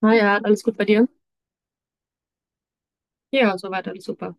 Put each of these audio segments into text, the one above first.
Na ja, alles gut bei dir? Ja, soweit alles super.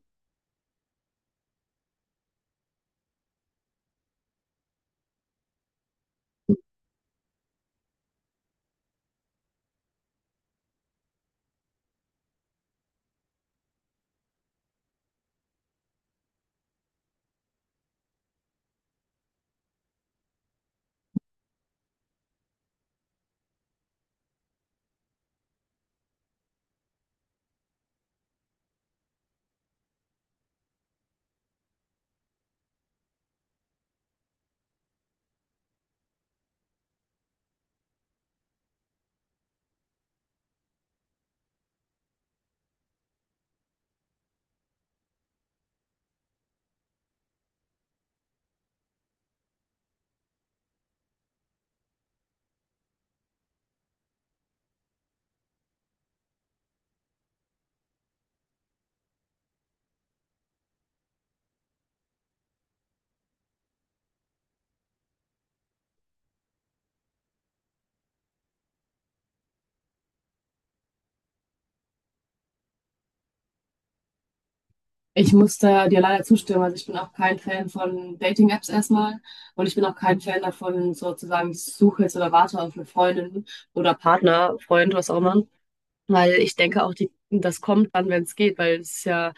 Ich muss da dir leider zustimmen. Also ich bin auch kein Fan von Dating-Apps erstmal und ich bin auch kein Fan davon, sozusagen, ich suche jetzt oder warte auf eine Freundin oder Partner, Freund, was auch immer. Weil ich denke auch, die, das kommt dann, wenn es geht, weil es ist ja,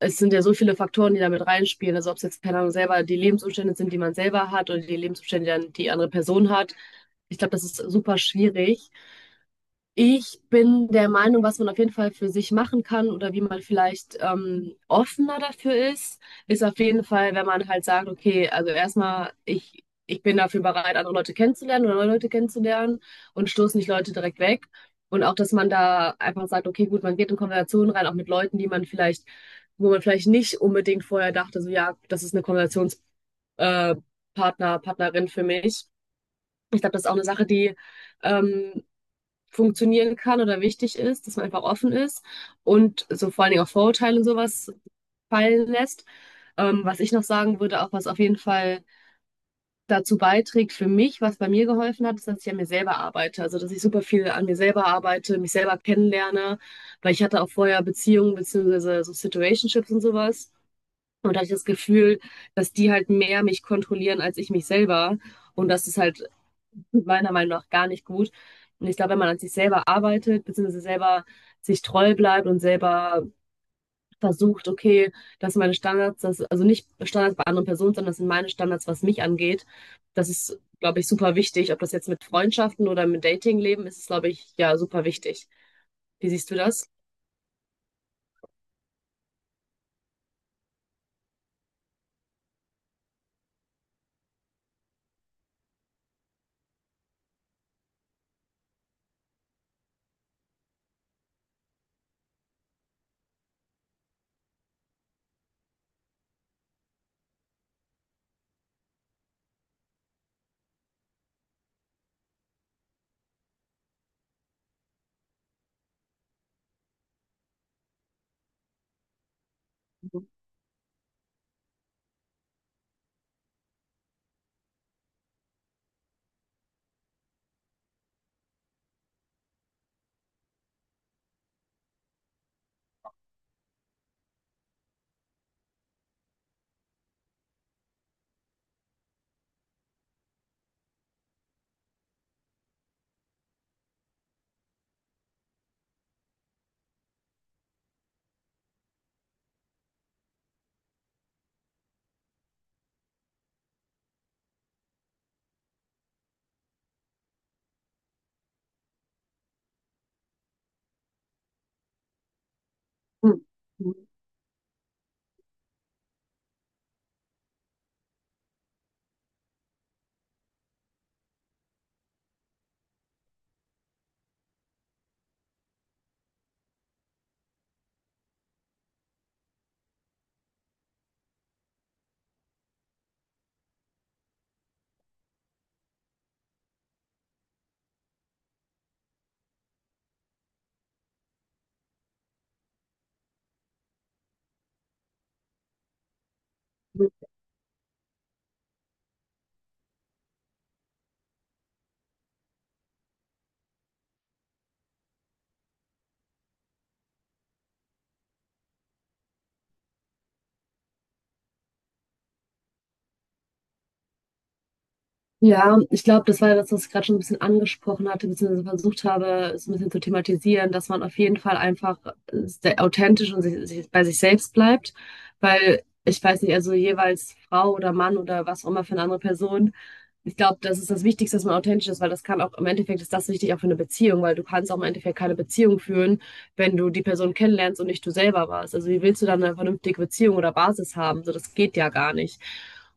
es sind ja so viele Faktoren, die damit reinspielen. Also ob es jetzt, keine Ahnung, selber die Lebensumstände sind, die man selber hat oder die Lebensumstände, die dann die andere Person hat. Ich glaube, das ist super schwierig. Ich bin der Meinung, was man auf jeden Fall für sich machen kann oder wie man vielleicht offener dafür ist, ist auf jeden Fall, wenn man halt sagt, okay, also erstmal, ich bin dafür bereit, andere Leute kennenzulernen oder neue Leute kennenzulernen und stoße nicht Leute direkt weg. Und auch, dass man da einfach sagt, okay, gut, man geht in Konversationen rein, auch mit Leuten, die man vielleicht, wo man vielleicht nicht unbedingt vorher dachte, so ja, das ist eine Konversations äh, Partner, Partnerin für mich. Ich glaube, das ist auch eine Sache, die ähm, funktionieren kann oder wichtig ist, dass man einfach offen ist und so vor allen Dingen auch Vorurteile und sowas fallen lässt. Was ich noch sagen würde, auch was auf jeden Fall dazu beiträgt für mich, was bei mir geholfen hat, ist, dass ich an mir selber arbeite. Also, dass ich super viel an mir selber arbeite, mich selber kennenlerne, weil ich hatte auch vorher Beziehungen beziehungsweise so Situationships und sowas. Und da hatte ich das Gefühl, dass die halt mehr mich kontrollieren als ich mich selber. Und das ist halt meiner Meinung nach gar nicht gut. Und ich glaube, wenn man an sich selber arbeitet, beziehungsweise selber sich treu bleibt und selber versucht, okay, das sind meine Standards, das, also nicht Standards bei anderen Personen, sondern das sind meine Standards, was mich angeht. Das ist, glaube ich, super wichtig. Ob das jetzt mit Freundschaften oder mit Datingleben ist, ist, glaube ich, ja, super wichtig. Wie siehst du das? Mhm. Ja, ich glaube, das war das, was ich gerade schon ein bisschen angesprochen hatte, beziehungsweise versucht habe, es ein bisschen zu thematisieren, dass man auf jeden Fall einfach sehr authentisch und sich bei sich selbst bleibt, weil ich weiß nicht, also jeweils Frau oder Mann oder was auch immer für eine andere Person, ich glaube, das ist das Wichtigste, dass man authentisch ist, weil das kann auch im Endeffekt ist das wichtig auch für eine Beziehung, weil du kannst auch im Endeffekt keine Beziehung führen, wenn du die Person kennenlernst und nicht du selber warst. Also wie willst du dann eine vernünftige Beziehung oder Basis haben? So, das geht ja gar nicht.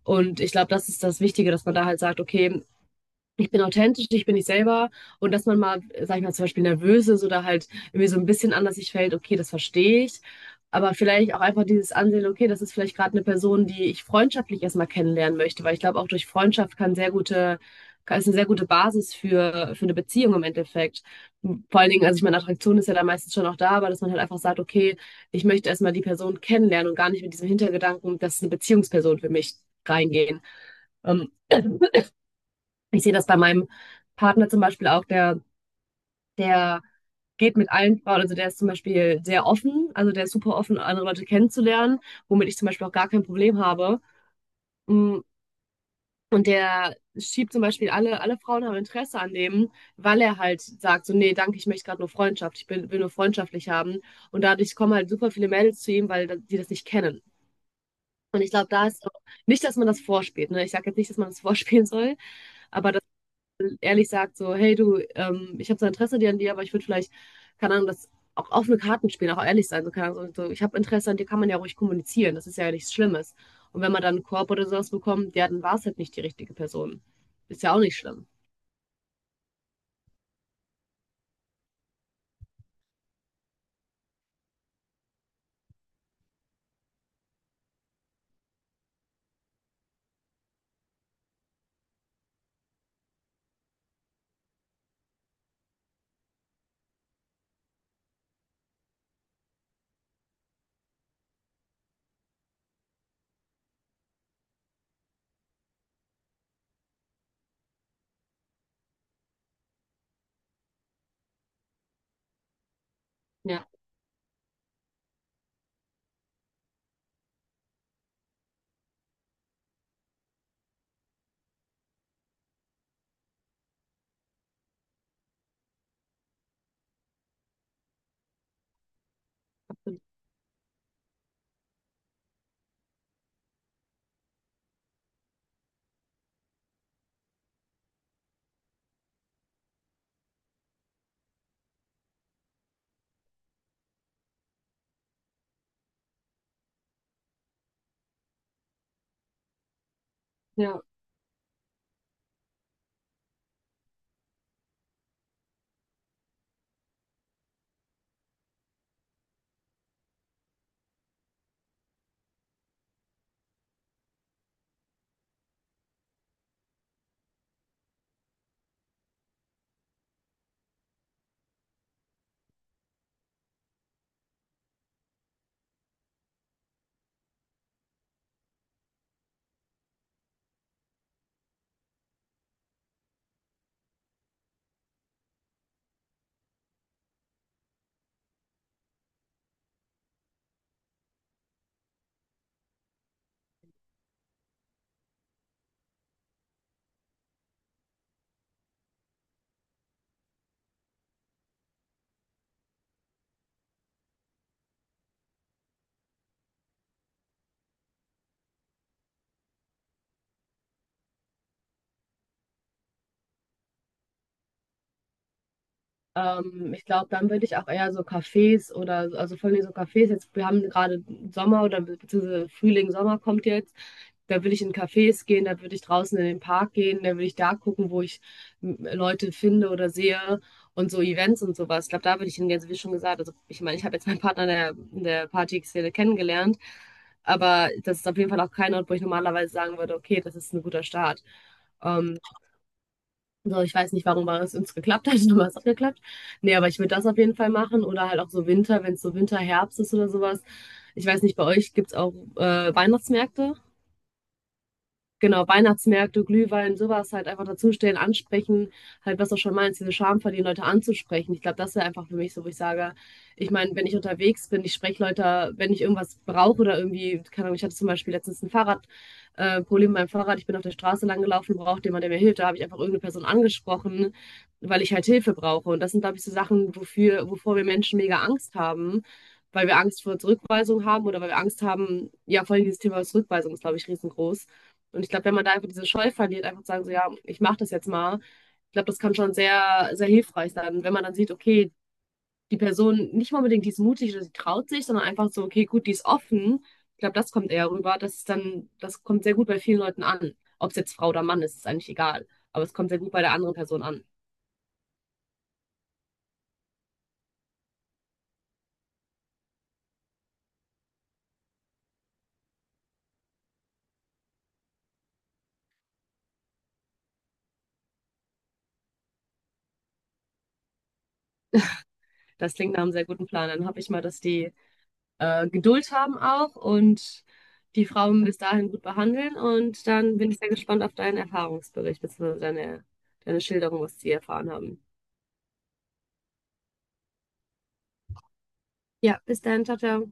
Und ich glaube, das ist das Wichtige, dass man da halt sagt, okay, ich bin authentisch, ich bin ich selber und dass man mal, sag ich mal, zum Beispiel nervös ist oder halt irgendwie so ein bisschen anders sich fällt, okay, das verstehe ich. Aber vielleicht auch einfach dieses Ansehen, okay, das ist vielleicht gerade eine Person, die ich freundschaftlich erstmal kennenlernen möchte, weil ich glaube, auch durch Freundschaft kann sehr gute, kann- ist eine sehr gute Basis für eine Beziehung im Endeffekt. Vor allen Dingen, also ich meine, Attraktion ist ja dann meistens schon auch da, aber dass man halt einfach sagt, okay, ich möchte erstmal die Person kennenlernen und gar nicht mit diesem Hintergedanken, das ist eine Beziehungsperson für mich reingehen. Ähm, Ich sehe das bei meinem Partner zum Beispiel auch, der geht mit allen Frauen, also der ist zum Beispiel sehr offen, also der ist super offen, andere Leute kennenzulernen, womit ich zum Beispiel auch gar kein Problem habe. Mm, Und der schiebt zum Beispiel alle Frauen haben Interesse an dem, weil er halt sagt, so, nee, danke, ich möchte gerade nur Freundschaft, ich bin, will nur freundschaftlich haben. Und dadurch kommen halt super viele Mädels zu ihm, weil da- die das nicht kennen. Und ich glaube, da ist auch nicht, dass man das vorspielt, ne? Ich sage jetzt nicht, dass man das vorspielen soll, aber ehrlich sagt, so, hey du, ich habe so Interesse dir an dir, aber ich würde vielleicht, keine Ahnung, das auch offene Karten spielen, auch ehrlich sein. So, keine Ahnung, so, ich habe Interesse an dir, kann man ja ruhig kommunizieren. Das ist ja nichts Schlimmes. Und wenn man dann einen Korb oder sowas bekommt, ja, dann war es halt nicht die richtige Person. Ist ja auch nicht schlimm. Ja, ja. Ich glaube, dann würde ich auch eher so Cafés oder, so- also vor allem so Cafés, jetzt, wir haben gerade Sommer oder be- beziehungsweise Frühling, Sommer kommt jetzt. Da würde ich in Cafés gehen, da würde ich draußen in den Park gehen, da würde ich da gucken, wo ich Leute finde oder sehe und so Events und sowas. Ich glaube, da würde ich hingehen, also wie schon gesagt. Also ich meine, ich habe jetzt meinen Partner in der Party-Szene kennengelernt, aber das ist auf jeden Fall auch kein Ort, wo ich normalerweise sagen würde, okay, das ist ein guter Start. Ähm, so, ich weiß nicht, warum es uns geklappt hat, aber es hat geklappt. Nee, aber ich würde das auf jeden Fall machen. Oder halt auch so Winter, wenn es so Winter, Herbst ist oder sowas. Ich weiß nicht, bei euch gibt es auch Weihnachtsmärkte? Genau, Weihnachtsmärkte, Glühwein, sowas halt einfach dazustellen, ansprechen, halt was du schon meinst, diese Charme verlieren, Leute anzusprechen. Ich glaube, das wäre einfach für mich so, wo ich sage, ich meine, wenn ich unterwegs bin, ich spreche Leute, wenn ich irgendwas brauche oder irgendwie, keine Ahnung, ich hatte zum Beispiel letztens ein Fahrrad, Problem mit Fahrrad, ich bin auf der Straße lang gelaufen, brauchte jemand, der mir hilft, da habe ich einfach irgendeine Person angesprochen, weil ich halt Hilfe brauche. Und das sind, glaube ich, so Sachen, wofür, wovor wir Menschen mega Angst haben. Weil wir Angst vor Zurückweisung haben oder weil wir Angst haben, ja, vor allem dieses Thema Zurückweisung ist, glaube ich, riesengroß und ich glaube, wenn man da einfach diese Scheu verliert, einfach zu sagen, so ja, ich mache das jetzt mal, ich glaube, das kann schon sehr, sehr hilfreich sein, wenn man dann sieht, okay, die Person nicht mal unbedingt, die ist mutig oder sie traut sich, sondern einfach so, okay, gut, die ist offen. Ich glaube, das kommt eher rüber. Das ist dann, das kommt sehr gut bei vielen Leuten an. Ob es jetzt Frau oder Mann ist, ist eigentlich egal. Aber es kommt sehr gut bei der anderen Person an. Das klingt nach einem sehr guten Plan. Dann hoffe ich mal, dass die Geduld haben auch und die Frauen bis dahin gut behandeln. Und dann bin ich sehr gespannt auf deinen Erfahrungsbericht, beziehungsweise deine, deine Schilderung, was sie erfahren haben. Ja, bis dann, ciao, ciao.